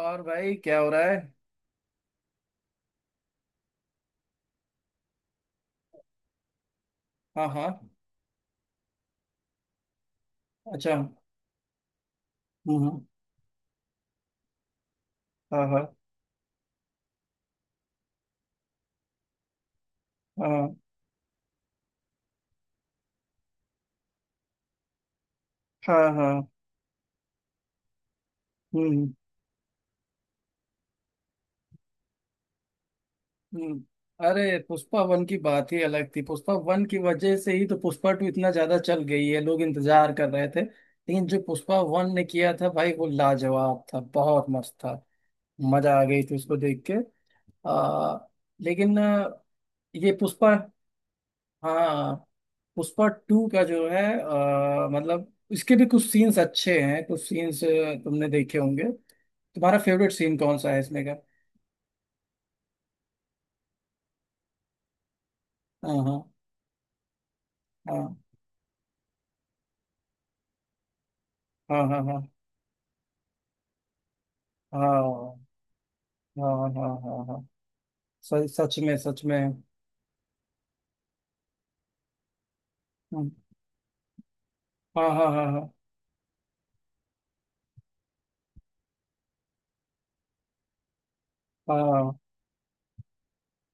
और भाई क्या हो रहा है? हाँ हाँ। अच्छा। हम्म। हम्म। हाँ हाँ हाँ हाँ हाँ। हम्म। हम्म। हम्म। अरे पुष्पा वन की बात ही अलग थी, पुष्पा वन की वजह से ही तो पुष्पा टू इतना ज्यादा चल गई है। लोग इंतजार कर रहे थे, लेकिन जो पुष्पा वन ने किया था भाई वो लाजवाब था, बहुत मस्त था। मजा आ गई थी उसको देख के। आ, लेकिन ये पुष्पा। हाँ। पुष्पा टू का जो है मतलब इसके भी कुछ सीन्स अच्छे हैं, कुछ सीन्स तुमने देखे होंगे। तुम्हारा फेवरेट सीन कौन सा है इसमें का? हाँ हाँ हाँ हाँ हाँ हाँ हाँ हाँ हाँ हाँ हाँ हाँ। सच सच में सच में। हम्म। हाँ हाँ हाँ हाँ हाँ।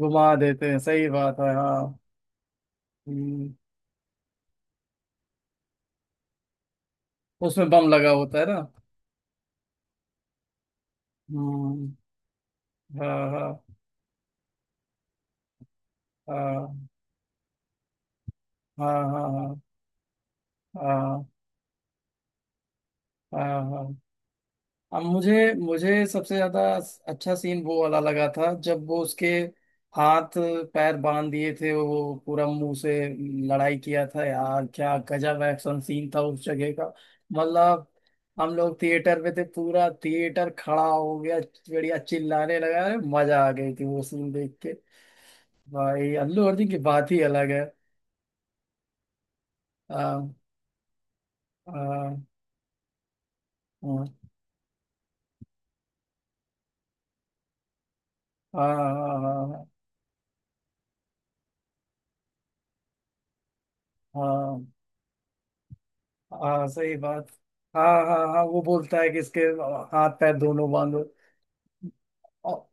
घुमा देते हैं, सही बात है, हाँ। हम्म। उसमें बम लगा होता है ना? हम्म। हाँ हाँ हाँ हाँ हाँ हाँ हाँ हाँ हाँ। अब मुझे मुझे सबसे ज्यादा अच्छा सीन वो वाला लगा था जब वो उसके हाथ पैर बांध दिए थे, वो पूरा मुंह से लड़ाई किया था। यार क्या गजब एक्शन सीन था उस जगह का। मतलब हम लोग थिएटर में थे, पूरा थिएटर खड़ा हो गया, बढ़िया चिल्लाने लगा। अरे मजा आ गई थी वो सीन देख के। भाई अल्लू अर्जुन की बात ही अलग है। हाँ हाँ हाँ हाँ हाँ हाँ हाँ हाँ, सही बात। हाँ हाँ हाँ वो बोलता है कि इसके हाथ पैर दोनों बांधो। और-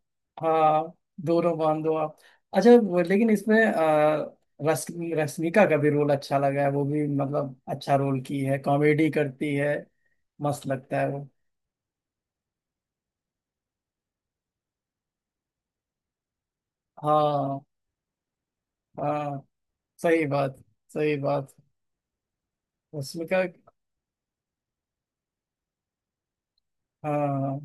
हाँ। दोनों बांधो आप। अच्छा लेकिन इसमें रस रश्मिका का भी रोल अच्छा लगा है। वो भी मतलब अच्छा रोल की है, कॉमेडी करती है, मस्त लगता है वो। हाँ हाँ, सही बात, सही बात। रश्मिका। हाँ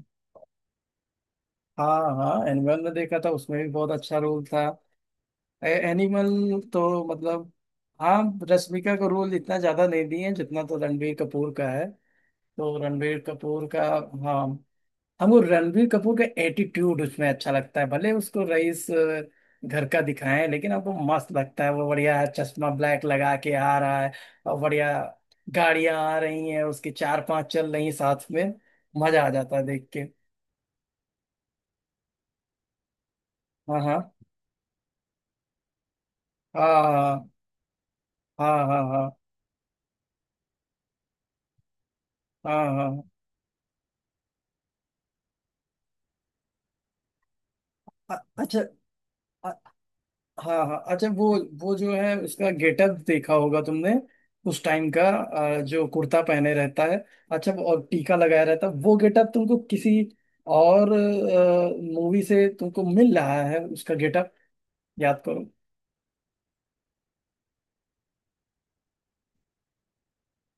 हाँ हाँ। एनिमल में देखा था, उसमें भी बहुत अच्छा रोल था। एनिमल तो मतलब हाँ, रश्मिका को रोल इतना ज्यादा नहीं दिए हैं जितना तो रणबीर कपूर का है। तो रणबीर कपूर का। हाँ। हमको रणबीर कपूर का एटीट्यूड उसमें अच्छा लगता है, भले उसको रईस घर का दिखाएं, लेकिन हमको मस्त लगता है वो। बढ़िया है, चश्मा ब्लैक लगा के आ रहा है, और बढ़िया गाड़ियां आ रही हैं उसकी, चार पांच चल रही हैं साथ में। मजा आ जाता है देख के। हाँ हाँ हाँ हाँ हाँ हाँ हाँ हाँ हाँ। अच्छा। हाँ हाँ। अच्छा वो जो है उसका गेटअप देखा होगा तुमने, उस टाइम का, जो कुर्ता पहने रहता है, अच्छा वो, और टीका लगाया रहता है, वो गेटअप तुमको किसी और मूवी से तुमको मिल रहा है उसका गेटअप? याद करो।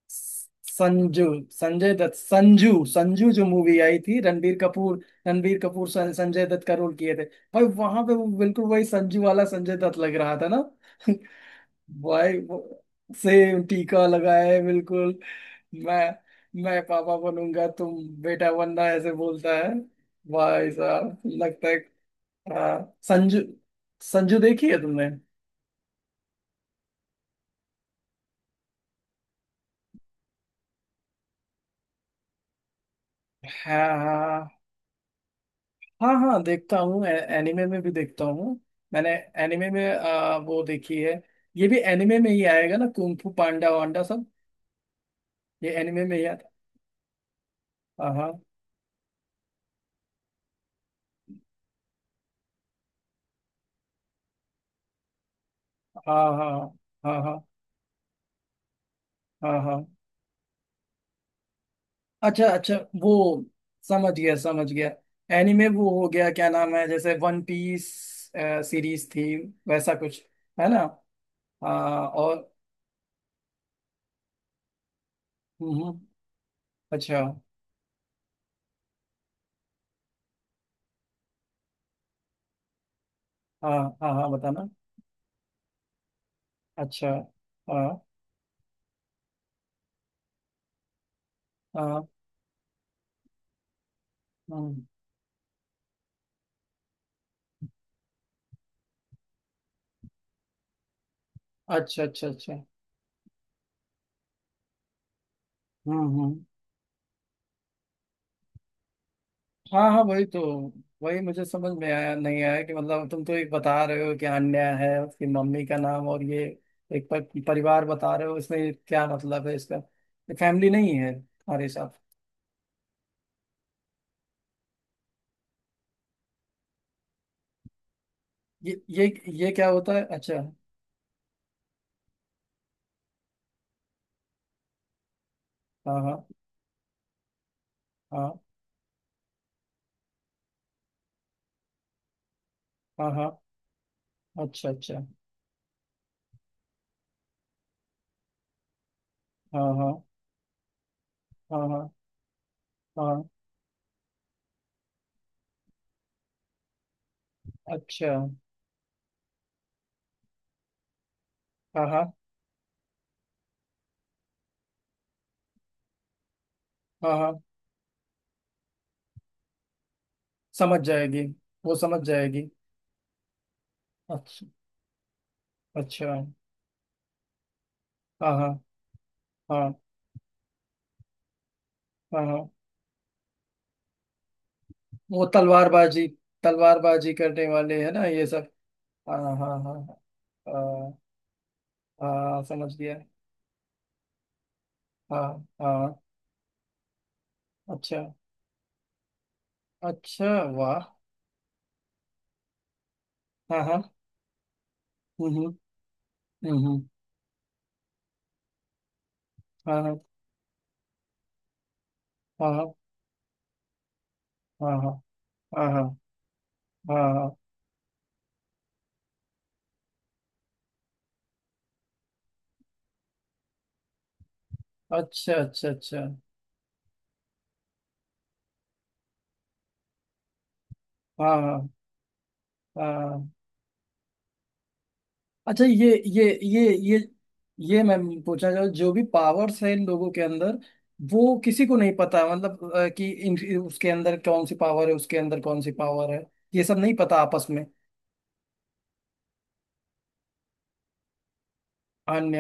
संजू। संजय दत्त। संजू। संजू जो मूवी आई थी, रणबीर कपूर। रणबीर कपूर संजय दत्त का रोल किए थे। भाई वहां पे वो बिल्कुल वही संजू वाला संजय दत्त लग रहा था ना। भाई वो सेम टीका लगाए बिल्कुल। मैं मैं पापा बनूंगा, तुम बेटा बनना, ऐसे बोलता है। भाई साहब लगता है। हाँ, संजू। संजू देखी है तुमने। हाँ हाँ हाँ हाँ देखता हूँ। एनिमे में भी देखता हूँ। मैंने एनिमे में वो देखी है। ये भी एनिमे में ही आएगा ना, कुंग फू पांडा वांडा सब? ये एनिमे में ही आता। हाँ हाँ हाँ हाँ हाँ हाँ हाँ हाँ। अच्छा अच्छा। वो समझ गया समझ गया। एनीमे वो हो गया, क्या नाम है, जैसे वन पीस सीरीज थी वैसा कुछ है ना? आ, और। हम्म। हम्म। अच्छा। हाँ हाँ हाँ, बताना। अच्छा। हाँ हाँ। हम्म। अच्छा अच्छा अच्छा। हम्म। हाँ हाँ, वही तो। वही मुझे समझ में आया नहीं आया कि मतलब, तुम तो एक बता रहे हो कि अन्य है उसकी मम्मी का नाम, और ये एक परिवार बता रहे हो, इसमें क्या मतलब है इसका? ये फैमिली नहीं है हमारे साथ? ये ये क्या होता है, अच्छा? हाँ हाँ हाँ हाँ हाँ। अच्छा अच्छा। हाँ हाँ हाँ हाँ हाँ। अच्छा। हाँ हाँ हाँ हाँ। समझ जाएगी। वो समझ जाएगी। अच्छा। अच्छा। हाँ हाँ हाँ हाँ हाँ। वो तलवारबाजी, तलवारबाजी करने वाले है ना ये सब? हाँ हाँ हाँ हाँ हाँ, हाँ, समझ गया। हाँ हाँ। अच्छा। अच्छा। वाह। हाँ हाँ। हम्म। हम्म। हम्म। हम्म। हाँ हाँ हाँ हाँ हाँ हाँ हाँ हाँ हाँ, हाँ। अच्छा अच्छा अच्छा। हाँ हाँ हाँ। अच्छा ये मैं पूछना चाहूँ, जो भी पावर्स है इन लोगों के अंदर, वो किसी को नहीं पता? मतलब कि उसके अंदर कौन सी पावर है, उसके अंदर कौन सी पावर है, ये सब नहीं पता आपस में? अन्य।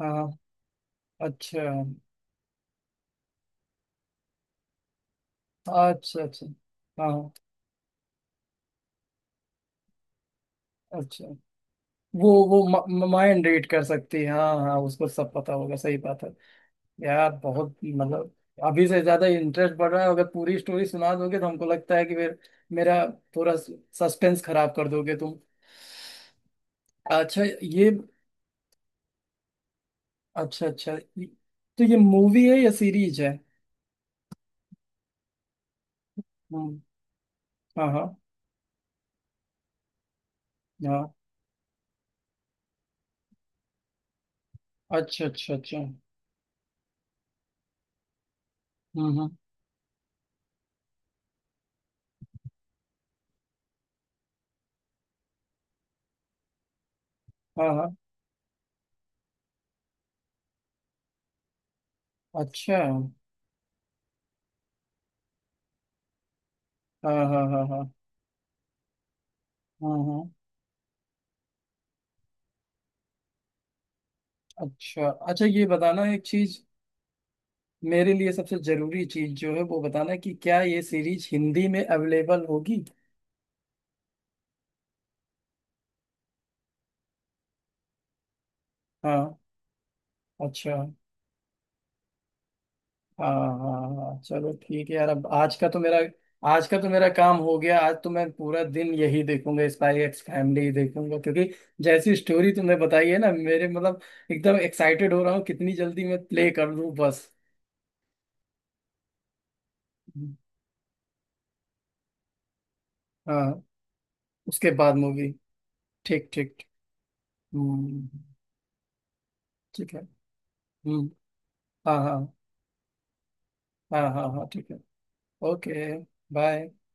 हाँ। अच्छा अच्छा अच्छा। हाँ। अच्छा वो माइंड रीड कर सकती है, हाँ हाँ, उसको सब पता होगा, सही बात है। यार बहुत मतलब अभी से ज्यादा इंटरेस्ट बढ़ रहा है। अगर पूरी स्टोरी सुना दोगे तो हमको लगता है कि फिर मेरा थोड़ा सस्पेंस खराब कर दोगे तुम। अच्छा ये। अच्छा अच्छा तो ये मूवी है या सीरीज है? हम्म। हाँ हाँ हाँ। अच्छा अच्छा अच्छा। हम्म। हाँ हाँ। अच्छा। हाँ हाँ हाँ हाँ हाँ हाँ। अच्छा अच्छा, ये बताना एक चीज। मेरे लिए सबसे जरूरी चीज जो है वो बताना कि क्या ये सीरीज हिंदी में अवेलेबल होगी? हाँ। अच्छा। हाँ हाँ हाँ हाँ। चलो ठीक है यार। अब आज का तो मेरा आज का तो मेरा काम हो गया। आज तो मैं पूरा दिन यही देखूंगा, स्पाई एक्स फैमिली ही देखूंगा, क्योंकि जैसी स्टोरी तुमने बताई है ना मेरे, मतलब एकदम एक्साइटेड हो रहा हूँ कितनी जल्दी मैं प्ले कर लूँ, बस। हाँ। उसके बाद मूवी। ठीक ठीक। हम्म। ठीक है। हम्म। हाँ हाँ हाँ हाँ हाँ, ठीक है। ओके। बाय।